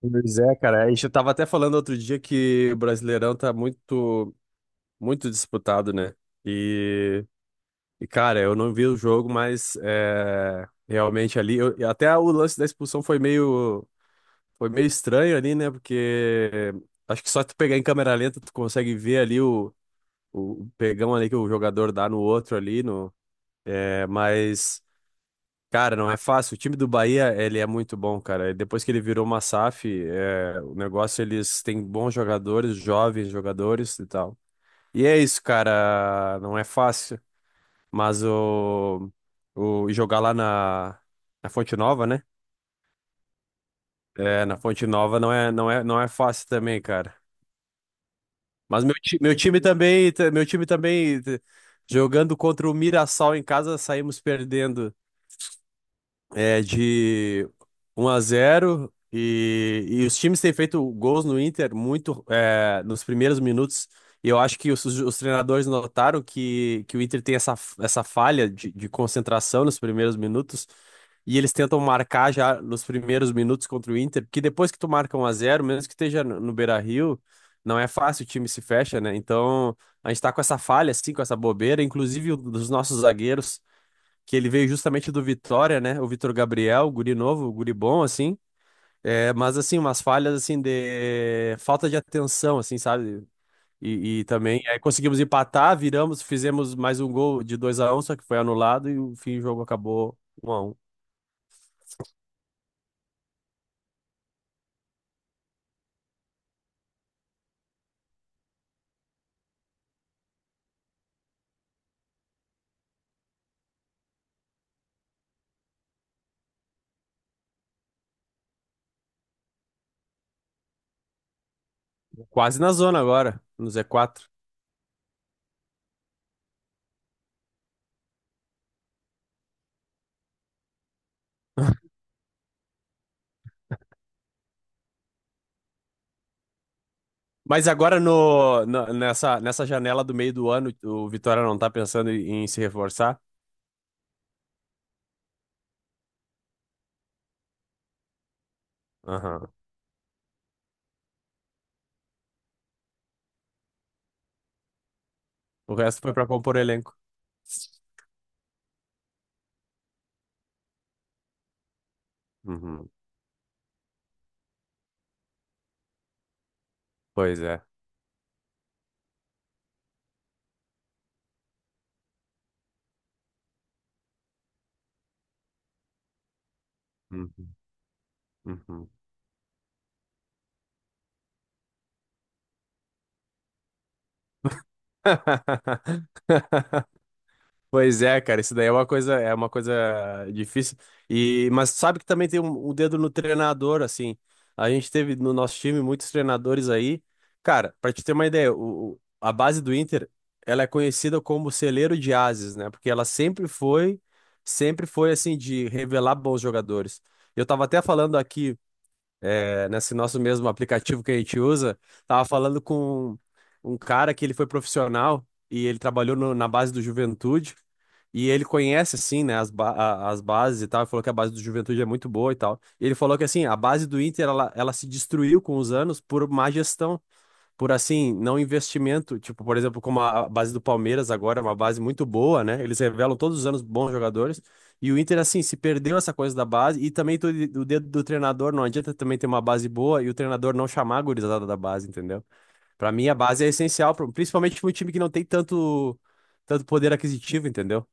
Pois é, cara. A gente tava até falando outro dia que o Brasileirão tá muito, muito disputado, né? E, e, cara, eu não vi o jogo, mas realmente ali, e até o lance da expulsão foi meio estranho ali, né? Porque acho que só tu pegar em câmera lenta tu consegue ver ali o pegão ali que o jogador dá no outro ali, é, mas cara, não é fácil. O time do Bahia, ele é muito bom, cara. Depois que ele virou uma SAF, o negócio, eles têm bons jogadores, jovens jogadores e tal. E é isso, cara. Não é fácil. Mas o jogar lá na Fonte Nova, né? É, na Fonte Nova não é fácil também, cara. Mas meu time também, jogando contra o Mirassol em casa, saímos perdendo. De 1 a 0 e os times têm feito gols no Inter muito nos primeiros minutos. E eu acho que os treinadores notaram que o Inter tem essa falha de concentração nos primeiros minutos. E eles tentam marcar já nos primeiros minutos contra o Inter, porque depois que tu marca 1 a 0 mesmo que esteja no Beira-Rio, não é fácil, o time se fecha, né? Então, a gente tá com essa falha, assim, com essa bobeira, inclusive dos nossos zagueiros que ele veio justamente do Vitória, né? O Vitor Gabriel, guri novo, guri bom, assim. Mas, assim, umas falhas, assim, de falta de atenção, assim, sabe? E também, aí conseguimos empatar, viramos, fizemos mais um gol de 2 a 1, só que foi anulado e o fim do jogo acabou 1 a 1. Quase na zona agora, no Z4. Mas agora no, nessa janela do meio do ano, o Vitória não tá pensando em, em se reforçar? Aham. O resto foi pra compor elenco. Uhum. Pois é. Uhum. Uhum. Pois é, cara, isso daí é uma coisa difícil. E mas sabe que também tem um dedo no treinador, assim. A gente teve no nosso time muitos treinadores aí. Cara, pra te ter uma ideia, o, a base do Inter, ela é conhecida como celeiro de ases, né? Porque ela sempre foi assim de revelar bons jogadores. Eu tava até falando aqui nesse nosso mesmo aplicativo que a gente usa, tava falando com um cara que ele foi profissional e ele trabalhou na base do Juventude. E ele conhece, assim, né, as, as bases e tal. Ele falou que a base do Juventude é muito boa e tal. E ele falou que, assim, a base do Inter, ela se destruiu com os anos por má gestão, por assim, não investimento, tipo, por exemplo, como a base do Palmeiras agora, é uma base muito boa, né? Eles revelam todos os anos bons jogadores. E o Inter, assim, se perdeu essa coisa da base e também o dedo do treinador, não adianta também ter uma base boa e o treinador não chamar a gurizada da base, entendeu? Pra mim, a base é essencial, principalmente pra um time que não tem tanto, tanto poder aquisitivo, entendeu?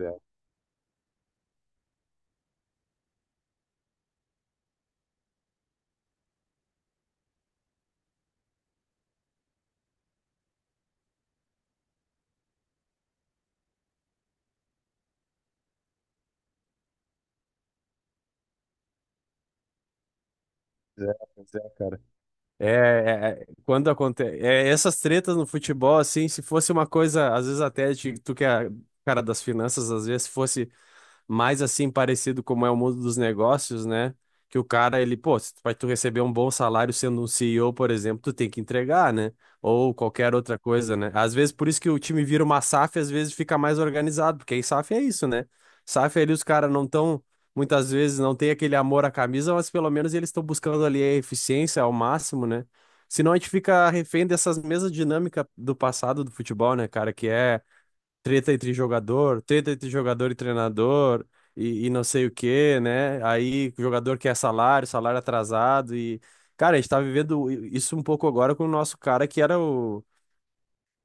É, é, é, cara. É, é, é, quando acontece essas tretas no futebol, assim, se fosse uma coisa, às vezes até de, tu que é cara das finanças, às vezes se fosse mais assim parecido como é o mundo dos negócios, né? Que o cara, ele, pô, se pra tu receber um bom salário sendo um CEO, por exemplo, tu tem que entregar, né? Ou qualquer outra coisa, né? Às vezes, por isso que o time vira uma SAF, às vezes fica mais organizado, porque aí SAF é isso, né? SAF ali os caras não estão, muitas vezes não tem aquele amor à camisa, mas pelo menos eles estão buscando ali a eficiência ao máximo, né? Senão a gente fica refém dessas mesmas dinâmicas do passado do futebol, né, cara? Que é treta entre jogador e treinador, e não sei o quê, né? Aí o jogador quer salário, salário atrasado, e, cara, a gente tá vivendo isso um pouco agora com o nosso cara que era o,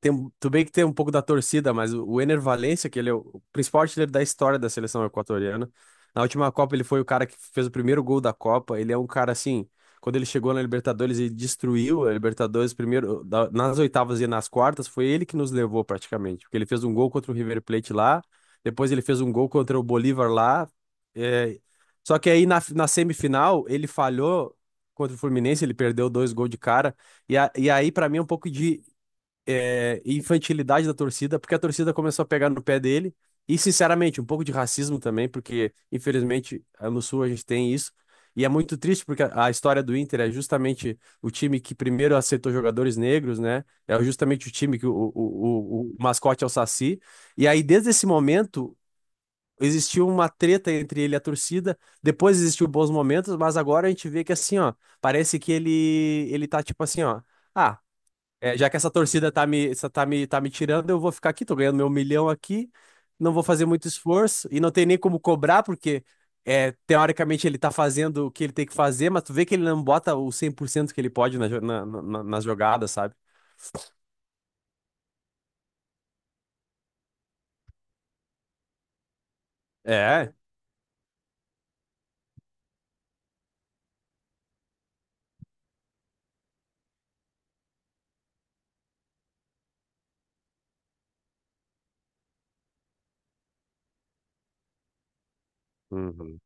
tem, tudo bem que tem um pouco da torcida, mas o Ener Valencia, que ele é o principal artilheiro da história da seleção equatoriana. Na última Copa, ele foi o cara que fez o primeiro gol da Copa. Ele é um cara assim, quando ele chegou na Libertadores e destruiu a Libertadores primeiro nas oitavas e nas quartas, foi ele que nos levou praticamente, porque ele fez um gol contra o River Plate lá, depois ele fez um gol contra o Bolívar lá. é, Só que aí na semifinal ele falhou contra o Fluminense, ele perdeu dois gols de cara. E, e aí, pra mim, é um pouco de infantilidade da torcida, porque a torcida começou a pegar no pé dele. E, sinceramente, um pouco de racismo também, porque, infelizmente, ah, no Sul a gente tem isso. E é muito triste, porque a história do Inter é justamente o time que primeiro aceitou jogadores negros, né? É justamente o time que o mascote é o Saci. E aí, desde esse momento, existiu uma treta entre ele e a torcida. Depois existiu bons momentos, mas agora a gente vê que, assim, ó, parece que ele tá tipo assim, ó. Ah, é, já que essa torcida tá me, essa tá me tirando, eu vou ficar aqui, tô ganhando meu milhão aqui, não vou fazer muito esforço e não tem nem como cobrar, porque é, teoricamente ele tá fazendo o que ele tem que fazer, mas tu vê que ele não bota o 100% que ele pode na, nas jogadas, sabe? É. Uhum.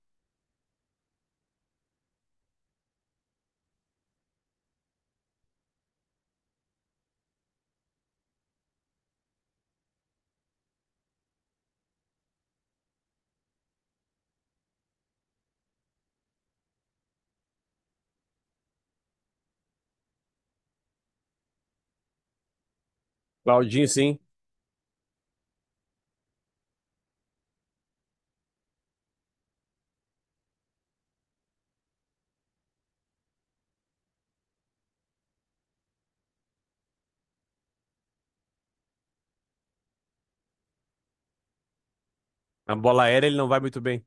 Claudinho, sim. A bola aérea ele não vai muito bem.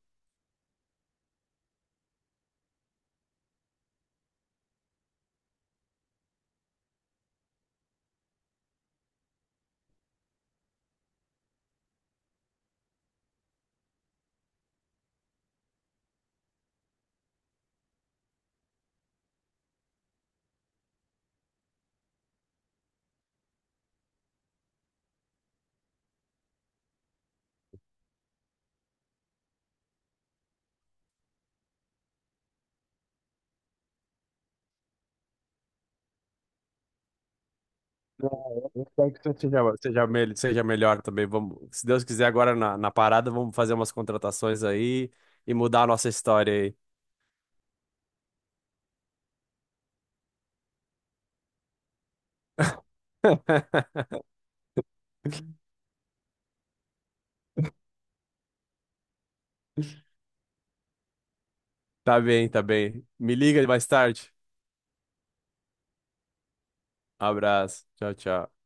É, Eu espero que você seja, seja melhor também. Vamos, se Deus quiser, agora na parada, vamos fazer umas contratações aí e mudar a nossa história aí. Tá bem, tá bem. Me liga mais tarde. Abraço. Tchau, tchau.